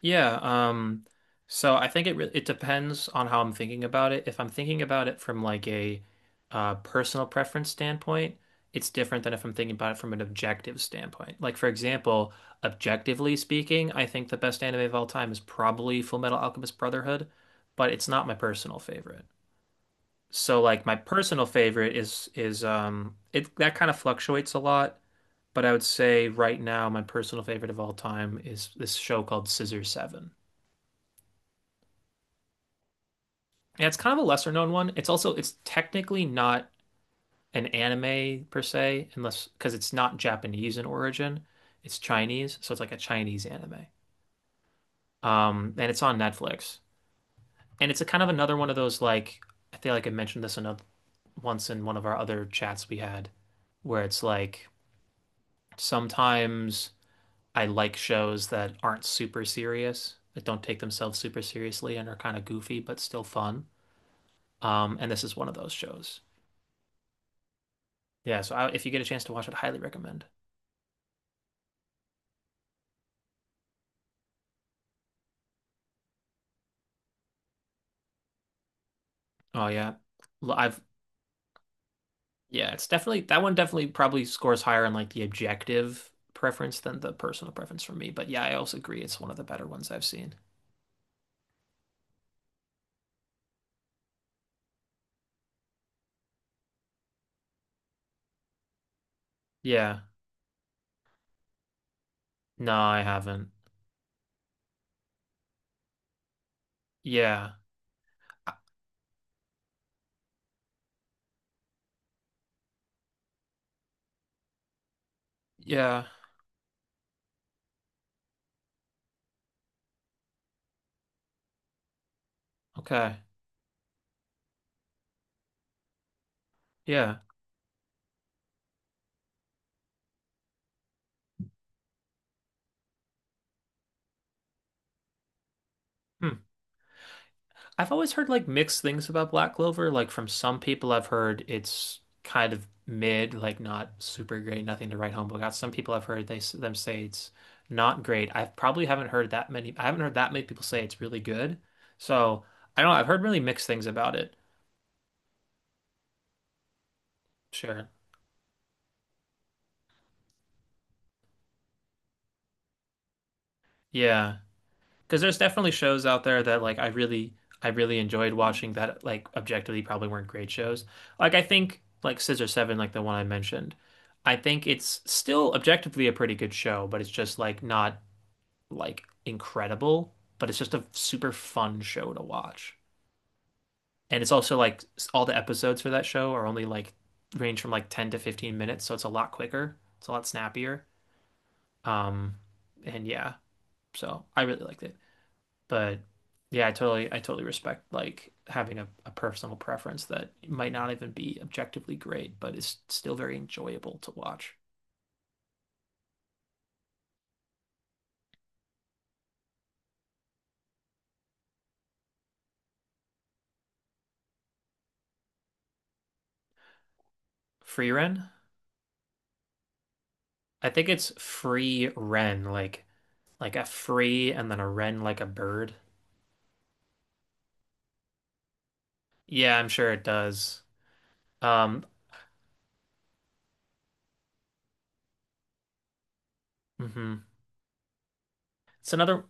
Yeah, um, so I think it re it depends on how I'm thinking about it. If I'm thinking about it from like a personal preference standpoint, it's different than if I'm thinking about it from an objective standpoint. Like for example, objectively speaking, I think the best anime of all time is probably Full Metal Alchemist Brotherhood, but it's not my personal favorite. So like my personal favorite is it that kind of fluctuates a lot, but I would say right now my personal favorite of all time is this show called Scissor Seven. Yeah, it's kind of a lesser known one. It's technically not an anime per se, unless because it's not Japanese in origin. It's Chinese, so it's like a Chinese anime. And it's on Netflix. And it's a kind of another one of those like I feel like I mentioned this another once in one of our other chats we had, where it's like sometimes I like shows that aren't super serious, that don't take themselves super seriously and are kind of goofy but still fun. And this is one of those shows. Yeah, so if you get a chance to watch it, highly recommend. Oh yeah, L- I've yeah, it's definitely that one. Definitely probably scores higher in like the objective preference than the personal preference for me. But yeah, I also agree it's one of the better ones I've seen. Yeah, no, I haven't. Yeah, I- yeah, okay, yeah. Hmm. I've always heard like mixed things about Black Clover. Like from some people, I've heard it's kind of mid, like not super great, nothing to write home about. Some people I've heard they them say it's not great. I probably haven't heard that many. I haven't heard that many people say it's really good. So I don't know. I've heard really mixed things about it. Sure. Yeah. Because there's definitely shows out there that like I really enjoyed watching that like objectively probably weren't great shows. Like I think like Scissor Seven, like the one I mentioned, I think it's still objectively a pretty good show, but it's just like not like incredible, but it's just a super fun show to watch. And it's also like all the episodes for that show are only like range from like 10 to 15 minutes, so it's a lot quicker. It's a lot snappier. Um and yeah, so I really liked it. But yeah, I totally respect like having a personal preference that might not even be objectively great, but is still very enjoyable to watch. Free Ren? I think it's free Ren, like a free and then a wren, like a bird. Yeah, I'm sure it does. Um, hmm It's another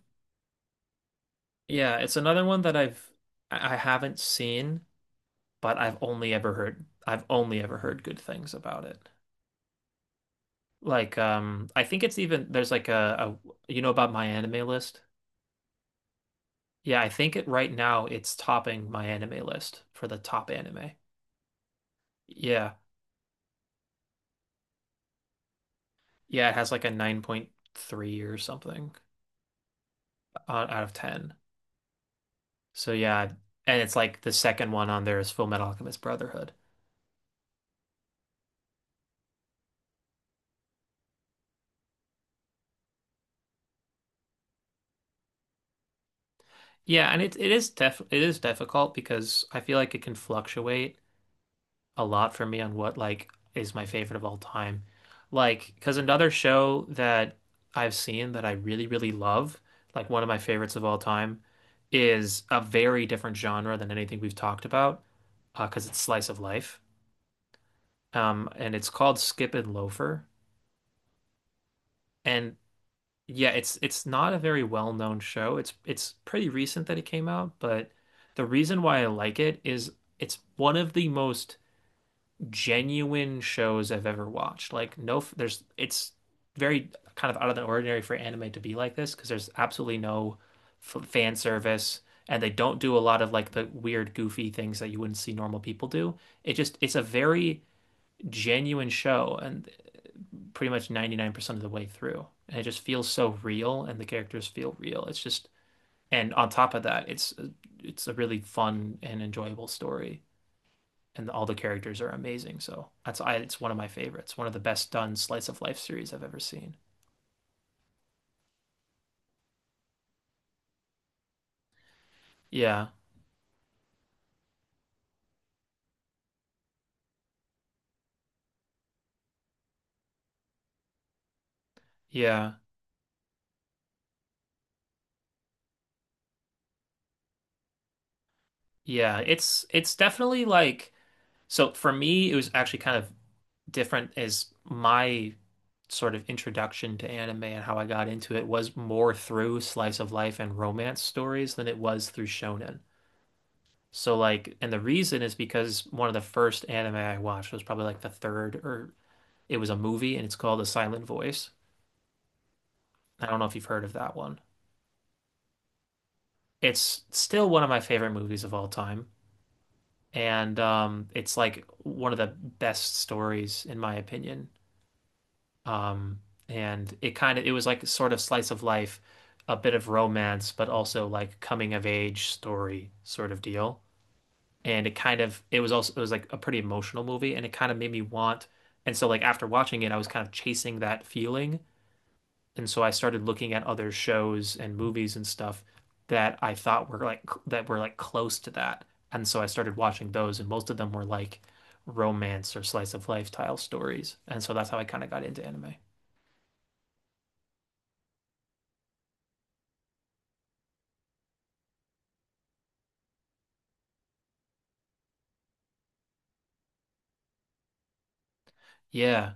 yeah, it's another one that I haven't seen, but I've only ever heard good things about it. Like, I think it's even there's like a, you know about my anime list? Yeah, I think it right now it's topping my anime list for the top anime. Yeah. Yeah, it has like a 9.3 or something on, out of 10. So yeah, and it's like the second one on there is Full Metal Alchemist Brotherhood. Yeah, and it is def it is difficult because I feel like it can fluctuate a lot for me on what like is my favorite of all time. Like, because another show that I've seen that I really, really love, like one of my favorites of all time, is a very different genre than anything we've talked about, because it's slice of life. And it's called Skip and Loafer. And yeah, it's not a very well-known show. It's pretty recent that it came out, but the reason why I like it is it's one of the most genuine shows I've ever watched. Like no, there's it's very kind of out of the ordinary for anime to be like this because there's absolutely no f fan service and they don't do a lot of like the weird goofy things that you wouldn't see normal people do. It just it's a very genuine show and pretty much 99% of the way through. And it just feels so real and the characters feel real. It's just and on top of that, it's a really fun and enjoyable story and all the characters are amazing. So that's I it's one of my favorites, one of the best done slice of life series I've ever seen. Yeah, yeah, yeah. It's definitely like so for me it was actually kind of different as my sort of introduction to anime and how I got into it was more through slice of life and romance stories than it was through shonen. So like and the reason is because one of the first anime I watched was probably like the third or it was a movie and it's called The Silent Voice. I don't know if you've heard of that one. It's still one of my favorite movies of all time, and it's like one of the best stories in my opinion. Um, and it kind of it was like sort of slice of life, a bit of romance, but also like coming of age story sort of deal. And it kind of it was also it was like a pretty emotional movie, and it kind of made me want. And so like after watching it, I was kind of chasing that feeling. And so I started looking at other shows and movies and stuff that I thought were like that were like close to that. And so I started watching those, and most of them were like romance or slice of life style stories. And so that's how I kind of got into anime. Yeah.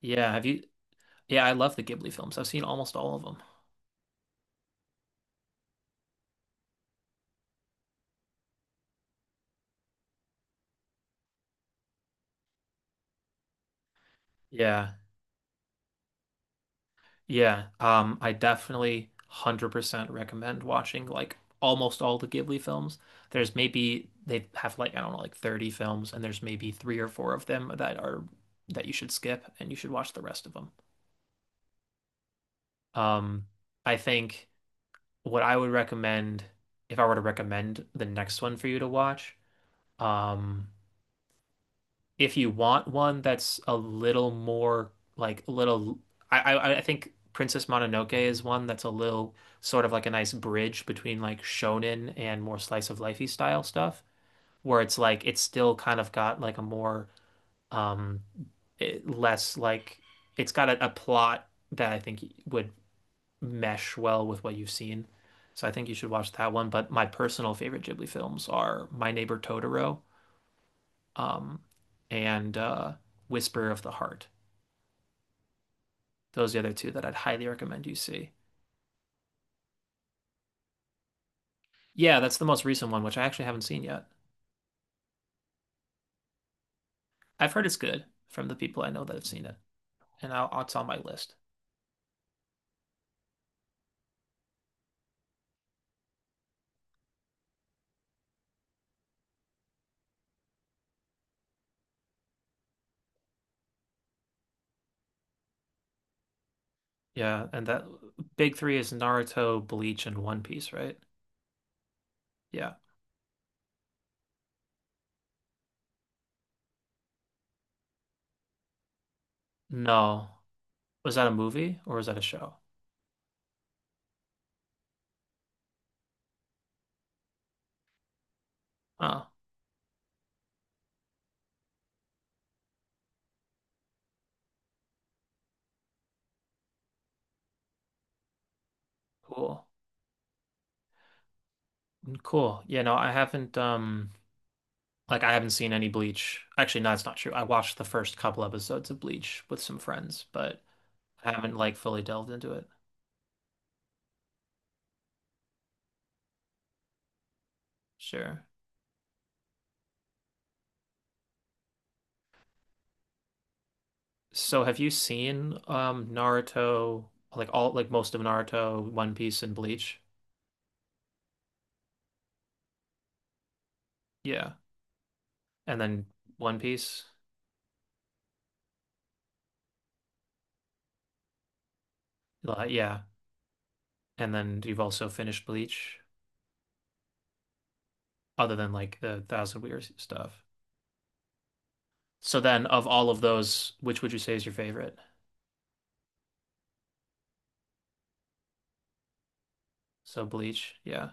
Yeah. Have you? Yeah, I love the Ghibli films. I've seen almost all of them. Yeah. Yeah, I definitely 100% recommend watching like almost all the Ghibli films. There's maybe they have like I don't know like 30 films and there's maybe three or four of them that are that you should skip and you should watch the rest of them. Um, I think what I would recommend if I were to recommend the next one for you to watch, um, if you want one that's a little more like a little I think Princess Mononoke is one that's a little sort of like a nice bridge between like shonen and more slice of lifey style stuff where it's like it's still kind of got like a more um less like it's got a plot that I think would mesh well with what you've seen. So I think you should watch that one, but my personal favorite Ghibli films are My Neighbor Totoro, um, and Whisper of the Heart. Those are the other two that I'd highly recommend you see. Yeah, that's the most recent one, which I actually haven't seen yet. I've heard it's good from the people I know that have seen it, and it's on my list. Yeah, and that big three is Naruto, Bleach, and One Piece, right? Yeah. No. Was that a movie or was that a show? Oh, cool. Mm, cool. Yeah, no, I haven't like I haven't seen any Bleach. Actually, no, it's not true. I watched the first couple episodes of Bleach with some friends, but I haven't like fully delved into it. Sure. So have you seen Naruto, like all like most of Naruto, One Piece and Bleach? Yeah. And then One Piece? Yeah. And then you've also finished Bleach, other than like the Thousand Weird stuff. So then of all of those, which would you say is your favorite? So Bleach, yeah.